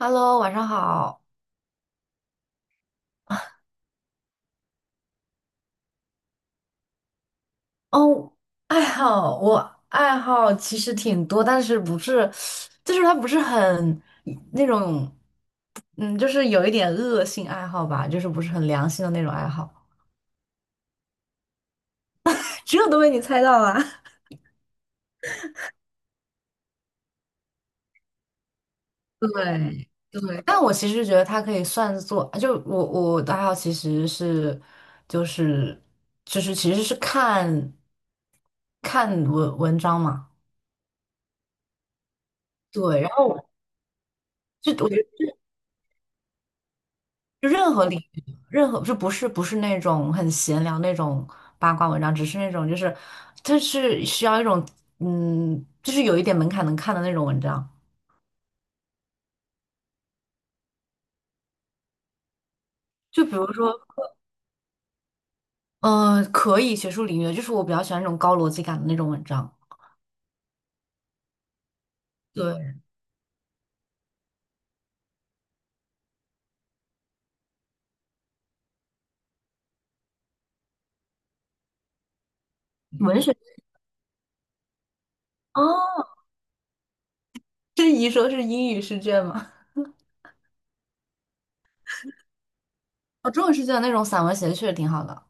Hello，晚上好。哦，爱好，我爱好其实挺多，但是不是，就是它不是很那种，就是有一点恶性爱好吧，就是不是很良心的那种爱好。这都被你猜到了，对对，但我其实觉得它可以算作，就我的爱好其实是，就是就是其实是看文章嘛。对，然后就我觉得就任何领域，任何就不是不是那种很闲聊那种八卦文章，只是那种就是，它是需要一种就是有一点门槛能看的那种文章。就比如说，嗯，可以学术领域，就是我比较喜欢那种高逻辑感的那种文章。对，文学哦，这一说是英语试卷吗？哦，中文试卷那种散文写的确实挺好的。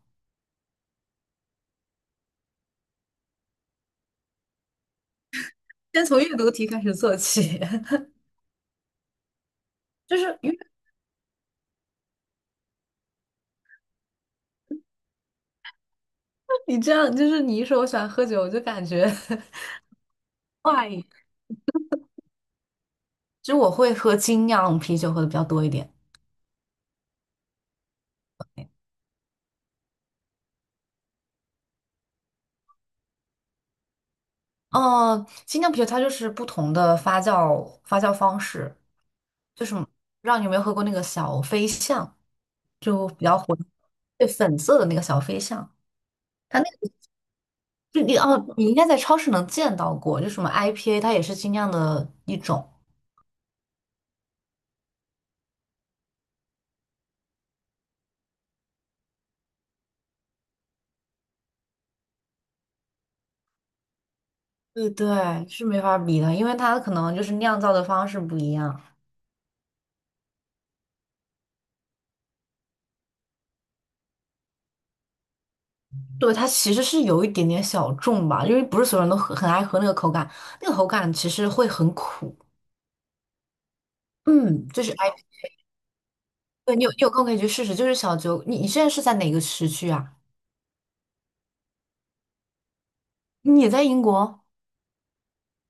先从阅读题开始做起，就是因为你这样，就是你一说我喜欢喝酒，我就感觉 怪。就我会喝精酿啤酒喝的比较多一点。哦，精酿啤酒它就是不同的发酵方式，就是让你有没有喝过那个小飞象，就比较火，对，粉色的那个小飞象，它那个就你哦，你应该在超市能见到过，就什么 IPA，它也是精酿的一种。对对，是没法比的，因为它可能就是酿造的方式不一样。对，它其实是有一点点小众吧，因为不是所有人都很爱喝那个口感，那个口感其实会很苦。嗯，就是 IP，对你有空可以去试试。就是小酒，你现在是在哪个时区啊？你也在英国？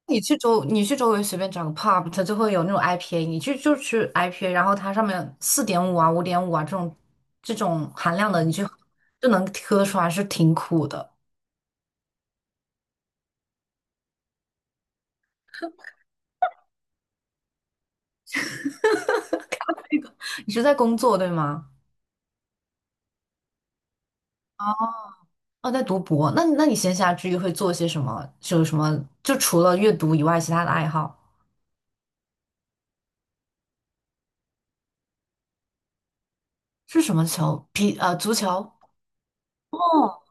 你去周围随便找个 pub，它就会有那种 IPA，你去就去 IPA，然后它上面4.5啊、5.5啊这种含量的，你就能喝出来是挺苦的。那个，你是在工作对吗？哦，在读博。那你闲暇之余会做些什么？就有什么？就除了阅读以外，其他的爱好是什么球？足球。哦，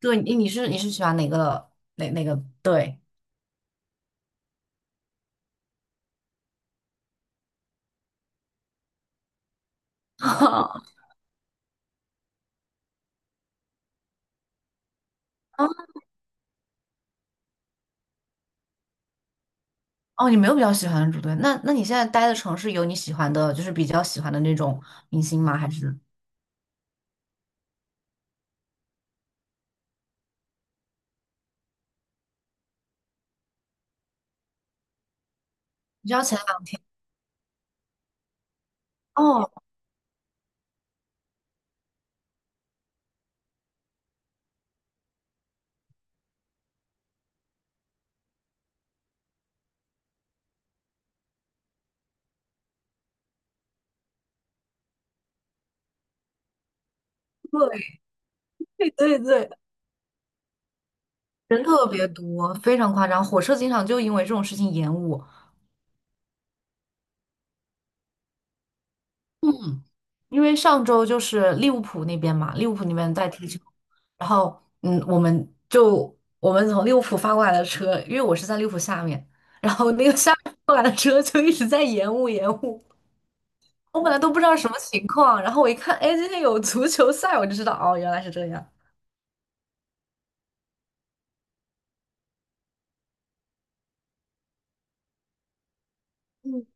对，你是喜欢哪个队？啊，哦，你没有比较喜欢的主队，那你现在待的城市有你喜欢的，就是比较喜欢的那种明星吗？还是比较前两？哦，对对对对，人特别多，非常夸张。火车经常就因为这种事情延误，因为上周就是利物浦那边嘛，利物浦那边在踢球，然后我们从利物浦发过来的车，因为我是在利物浦下面，然后那个下面过来的车就一直在延误延误。我本来都不知道什么情况，然后我一看，哎，今天有足球赛，我就知道，哦，原来是这样。嗯，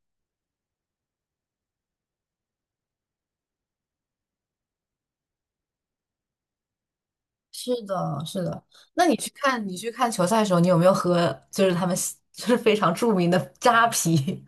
是的，是的。那你去看球赛的时候，你有没有喝就是他们 就是非常著名的扎啤？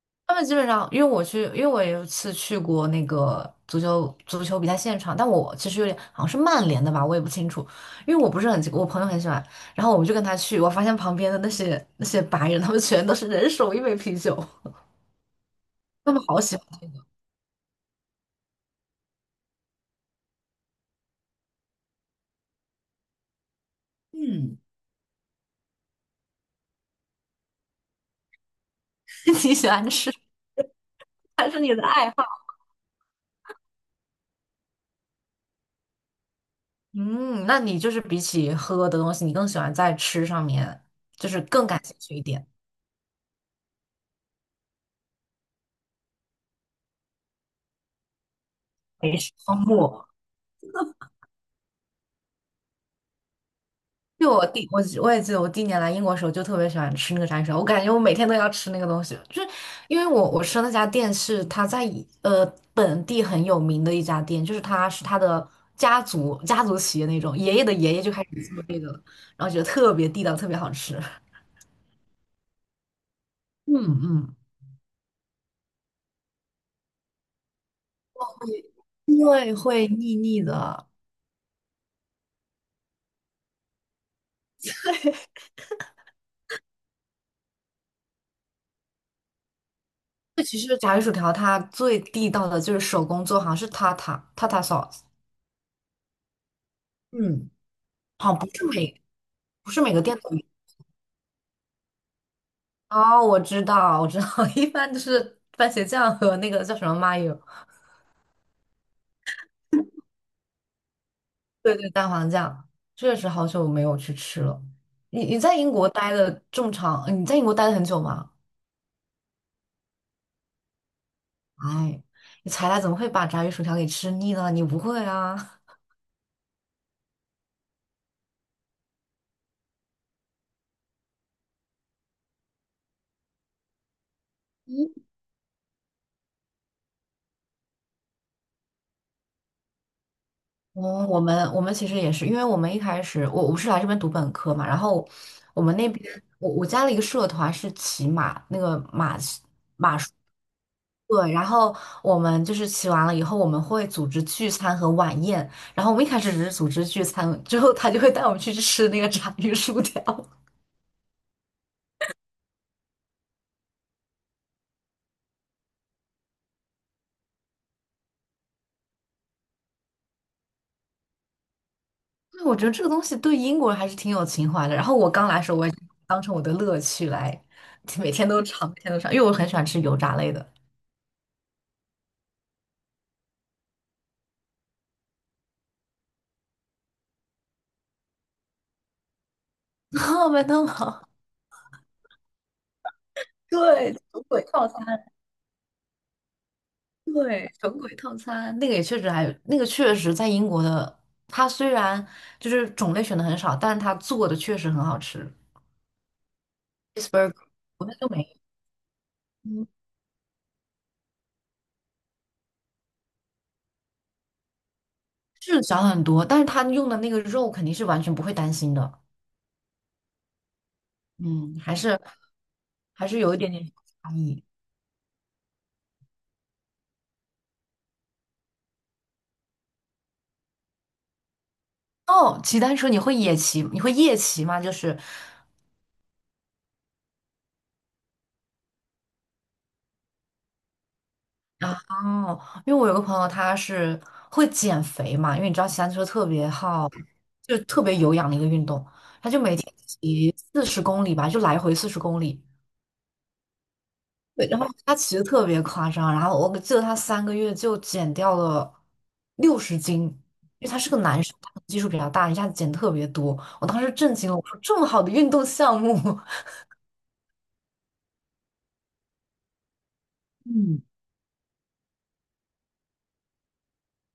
他们基本上，因为我有一次去过那个足球比赛现场，但我其实有点好像是曼联的吧，我也不清楚，因为我不是很，我朋友很喜欢，然后我们就跟他去，我发现旁边的那些白人，他们全都是人手一杯啤酒，他们好喜欢，嗯，你喜欢吃？还是你的爱好。嗯，那你就是比起喝的东西，你更喜欢在吃上面，就是更感兴趣一点。没事，丰富。就我也记得我第一年来英国的时候，就特别喜欢吃那个炸鱼薯我感觉我每天都要吃那个东西，就是因为我吃的那家店是他在呃本地很有名的一家店，就是他是他的家族企业那种，爷爷的爷爷就开始做这个了，然后觉得特别地道，特别好吃。嗯嗯，因为会腻腻的。这其实炸鱼薯条它最地道的就是手工做，好像是塔塔 sauce，嗯，好像不是每个店都有。哦，我知道，我知道，一般就是番茄酱和那个叫什么 mayo，对对，蛋黄酱。确实好久没有去吃了。你在英国待了这么长，你在英国待了很久吗？哎，你才来怎么会把炸鱼薯条给吃腻呢？你不会啊？哦，我们其实也是，因为我们一开始我是来这边读本科嘛，然后我们那边我加了一个社团是骑马，那个马是对，然后我们就是骑完了以后，我们会组织聚餐和晚宴，然后我们一开始只是组织聚餐，之后他就会带我们去吃那个炸鱼薯条。对，我觉得这个东西对英国人还是挺有情怀的。然后我刚来的时候，我也是当成我的乐趣来，每天都尝，每天都尝，因为我很喜欢吃油炸类的。哦，麦当劳，对，鬼餐。对，神鬼套餐那个也确实还有，那个确实在英国的，它虽然就是种类选的很少，但是它做的确实很好吃。cheesburger 国内就没有，是少很多，但是它用的那个肉肯定是完全不会担心的，嗯，还是还是有一点点差异。哦，骑单车你会野骑，你会夜骑吗？就是哦，因为我有个朋友，他是会减肥嘛，因为你知道骑单车特别耗，就特别有氧的一个运动，他就每天骑四十公里吧，就来回四十公里。对，然后他骑的特别夸张，然后我记得他3个月就减掉了60斤，因为他是个男生，他可能基数比较大，一下子减特别多。我当时震惊了，我说这么好的运动项目，嗯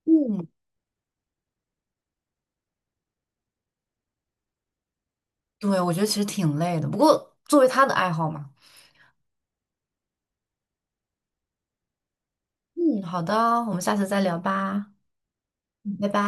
嗯，对，我觉得其实挺累的，不过作为他的爱好嘛，嗯，好的，我们下次再聊吧。嗯拜拜。